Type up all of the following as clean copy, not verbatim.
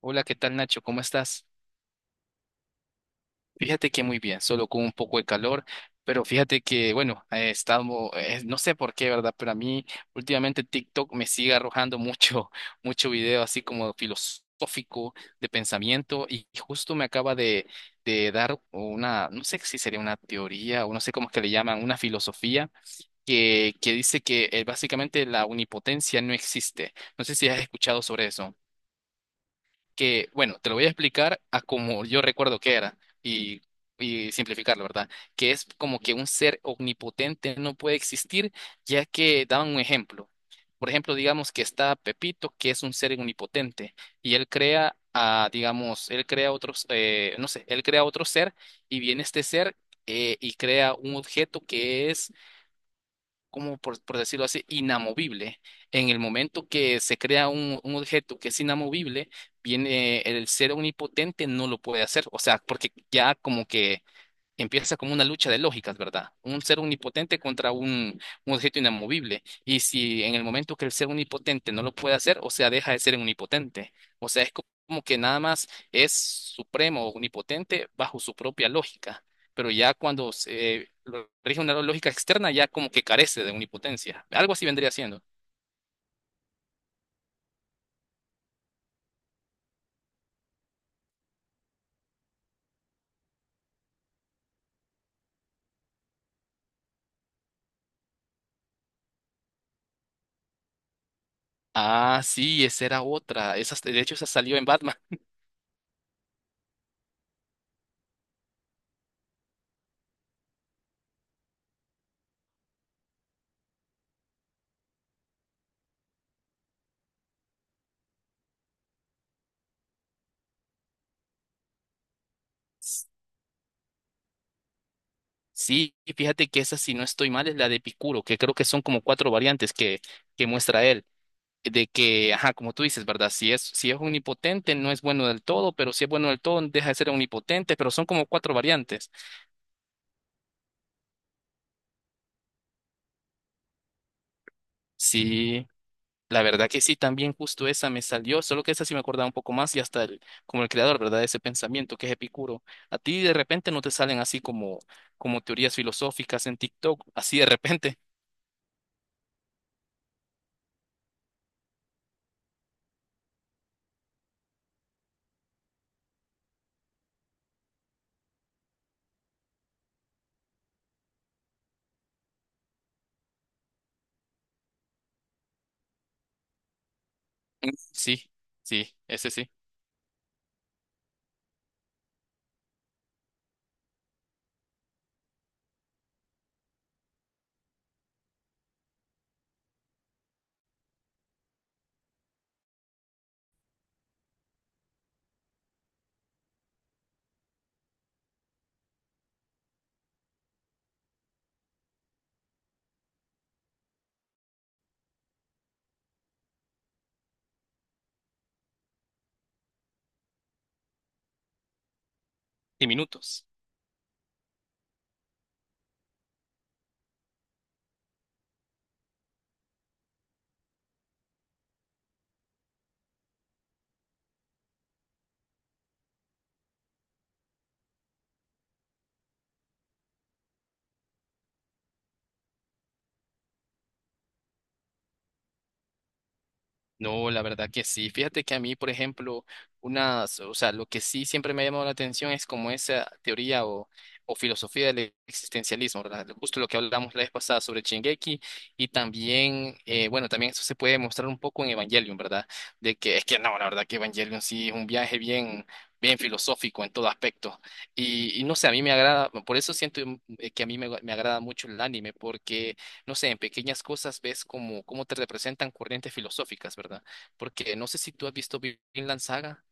Hola, ¿qué tal, Nacho? ¿Cómo estás? Fíjate que muy bien, solo con un poco de calor, pero fíjate que, bueno, he estado no sé por qué, ¿verdad? Pero a mí últimamente TikTok me sigue arrojando mucho, mucho video así como filosófico de pensamiento y justo me acaba de dar una, no sé si sería una teoría o no sé cómo es que le llaman, una filosofía que dice que básicamente la omnipotencia no existe. No sé si has escuchado sobre eso. Que, bueno, te lo voy a explicar a como yo recuerdo que era y, y simplificarlo, ¿verdad? Que es como que un ser omnipotente no puede existir, ya que daban un ejemplo. Por ejemplo, digamos que está Pepito, que es un ser omnipotente, y él crea a, digamos, él crea otros, no sé, él crea otro ser y viene este ser y crea un objeto que es como por decirlo así, inamovible. En el momento que se crea un objeto que es inamovible, viene el ser omnipotente no lo puede hacer, o sea, porque ya como que empieza como una lucha de lógicas, ¿verdad? Un ser omnipotente contra un objeto inamovible. Y si en el momento que el ser omnipotente no lo puede hacer, o sea, deja de ser omnipotente. O sea, es como que nada más es supremo, o omnipotente bajo su propia lógica. Pero ya cuando se lo rige una lógica externa, ya como que carece de omnipotencia. Algo así vendría siendo. Ah, sí, esa era otra. Esa, de hecho, esa salió en Batman. Sí, y fíjate que esa, si no estoy mal, es la de Epicuro, que creo que son como cuatro variantes que muestra él, de que, ajá, como tú dices, ¿verdad? Si es omnipotente, no es bueno del todo, pero si es bueno del todo, deja de ser omnipotente, pero son como cuatro variantes. Sí, la verdad que sí, también justo esa me salió, solo que esa sí me acordaba un poco más y hasta el, como el creador, ¿verdad? De ese pensamiento que es Epicuro. A ti de repente no te salen así como, como teorías filosóficas en TikTok, así de repente. Sí, sí, ese sí. Y minutos. No, la verdad que sí. Fíjate que a mí, por ejemplo, unas, o sea, lo que sí siempre me ha llamado la atención es como esa teoría o filosofía del existencialismo, ¿verdad? Justo lo que hablamos la vez pasada sobre Shingeki y también, bueno, también eso se puede mostrar un poco en Evangelion, ¿verdad? De que es que no, la verdad que Evangelion sí es un viaje bien, bien filosófico en todo aspecto. Y no sé, a mí me agrada, por eso siento que a mí me agrada mucho el anime, porque no sé, en pequeñas cosas ves cómo, cómo te representan corrientes filosóficas, ¿verdad? Porque no sé si tú has visto Vinland Saga.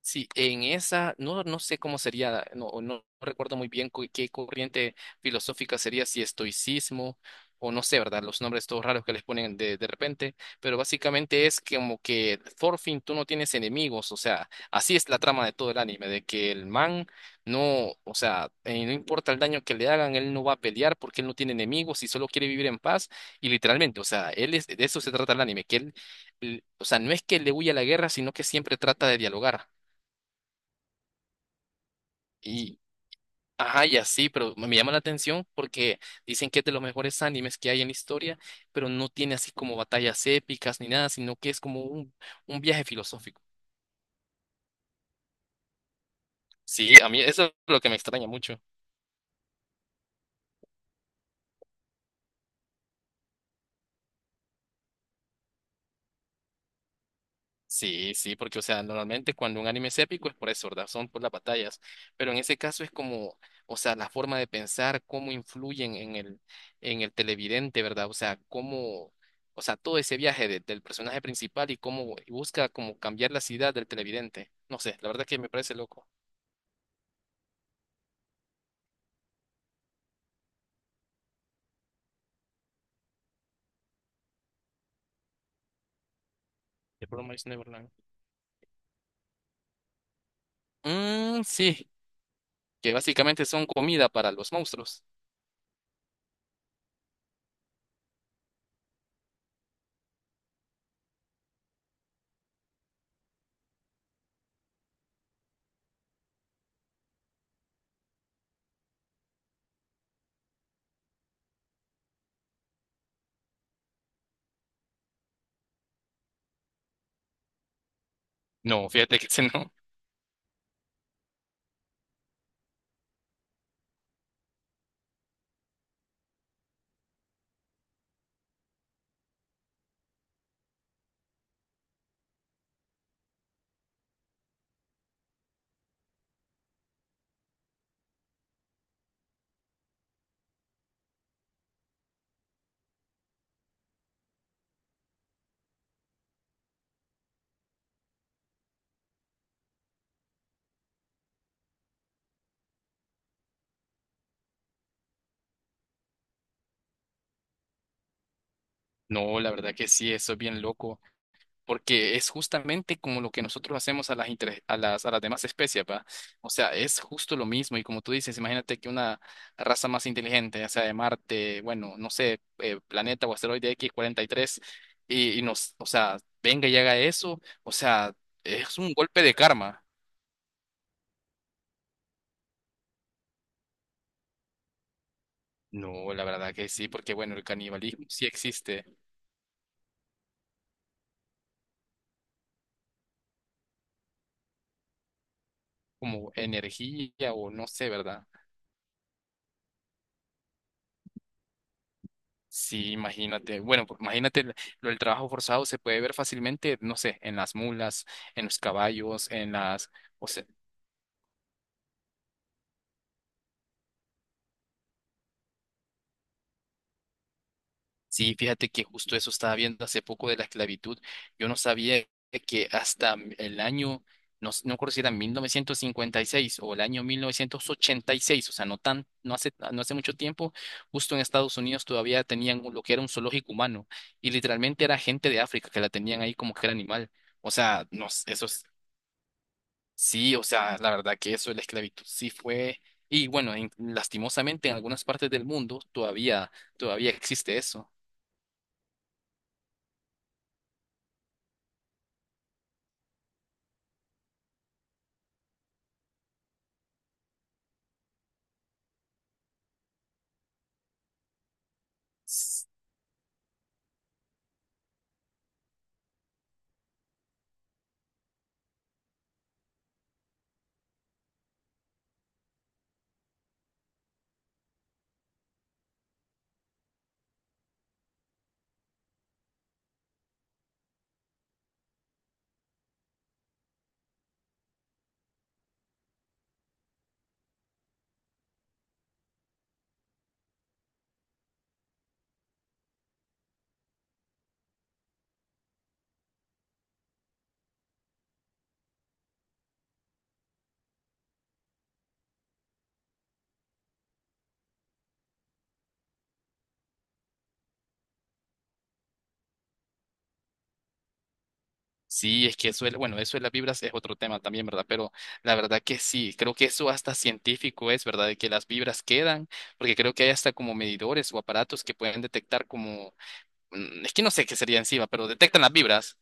Sí, en esa, no, no sé cómo sería, no, no recuerdo muy bien qué corriente filosófica sería, si estoicismo o no sé, ¿verdad? Los nombres todos raros que les ponen de repente, pero básicamente es como que por fin tú no tienes enemigos, o sea, así es la trama de todo el anime, de que el man no, o sea, no importa el daño que le hagan, él no va a pelear porque él no tiene enemigos y solo quiere vivir en paz y literalmente, o sea, él es, de eso se trata el anime, que él, o sea, no es que le huya a la guerra, sino que siempre trata de dialogar. Y, ajá, y así, pero me llama la atención porque dicen que es de los mejores animes que hay en la historia, pero no tiene así como batallas épicas ni nada, sino que es como un viaje filosófico. Sí, a mí eso es lo que me extraña mucho. Sí, sí, porque, o sea, normalmente cuando un anime es épico es por eso, ¿verdad? Son por las batallas, pero en ese caso es como, o sea, la forma de pensar, cómo influyen en el televidente, ¿verdad? O sea, cómo, o sea, todo ese viaje del personaje principal y cómo y busca como cambiar la ciudad del televidente. No sé, la verdad que me parece loco. The Promised Neverland. Mm, sí, que básicamente son comida para los monstruos. No, fíjate que ese no. No, la verdad que sí, eso es bien loco, porque es justamente como lo que nosotros hacemos a las, a las, a las demás especies, ¿va? O sea, es justo lo mismo y como tú dices, imagínate que una raza más inteligente, ya sea de Marte, bueno, no sé, planeta o asteroide X-43, y, tres, y nos, o sea, venga y haga eso, o sea, es un golpe de karma. No, la verdad que sí, porque bueno, el canibalismo sí existe como energía o no sé, ¿verdad? Sí, imagínate. Bueno, pues, imagínate lo del trabajo forzado se puede ver fácilmente, no sé, en las mulas, en los caballos, en las... O sea, sí, fíjate que justo eso estaba viendo hace poco de la esclavitud. Yo no sabía que hasta el año, no, no recuerdo si era 1956 o el año 1986, o sea, no tan, no hace, no hace mucho tiempo, justo en Estados Unidos todavía tenían lo que era un zoológico humano y literalmente era gente de África que la tenían ahí como que era animal. O sea, no, eso es. Sí, o sea, la verdad que eso de la esclavitud sí fue, y bueno, lastimosamente en algunas partes del mundo todavía, todavía existe eso. S- Sí, es que eso, bueno, eso de las vibras es otro tema también, ¿verdad? Pero la verdad que sí, creo que eso hasta científico es, ¿verdad? De que las vibras quedan, porque creo que hay hasta como medidores o aparatos que pueden detectar como, es que no sé qué sería encima, pero detectan las vibras.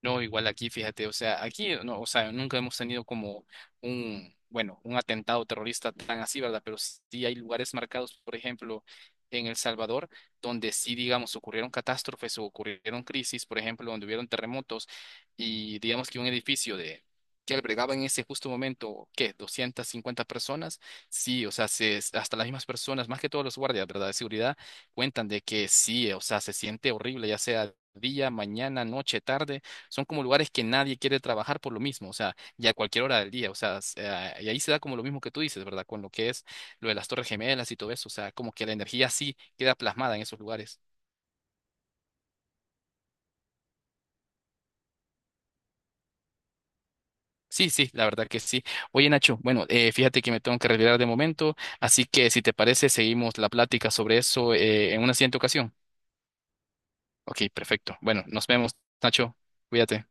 No, igual aquí, fíjate, o sea, aquí no, o sea, nunca hemos tenido como un, bueno, un atentado terrorista tan así, ¿verdad? Pero sí hay lugares marcados, por ejemplo, en El Salvador, donde sí, digamos, ocurrieron catástrofes o ocurrieron crisis, por ejemplo, donde hubieron terremotos y digamos que un edificio de que albergaba en ese justo momento, ¿qué? 250 personas. Sí, o sea, se, hasta las mismas personas, más que todos los guardias, ¿verdad? De seguridad, cuentan de que sí, o sea, se siente horrible, ya sea día, mañana, noche, tarde son como lugares que nadie quiere trabajar por lo mismo, o sea, ya a cualquier hora del día, o sea, y ahí se da como lo mismo que tú dices, ¿verdad? Con lo que es lo de las Torres Gemelas y todo eso, o sea, como que la energía sí queda plasmada en esos lugares. Sí, sí, la verdad que sí. Oye, Nacho, bueno, fíjate que me tengo que retirar de momento, así que si te parece, seguimos la plática sobre eso en una siguiente ocasión. Ok, perfecto. Bueno, nos vemos, Nacho. Cuídate.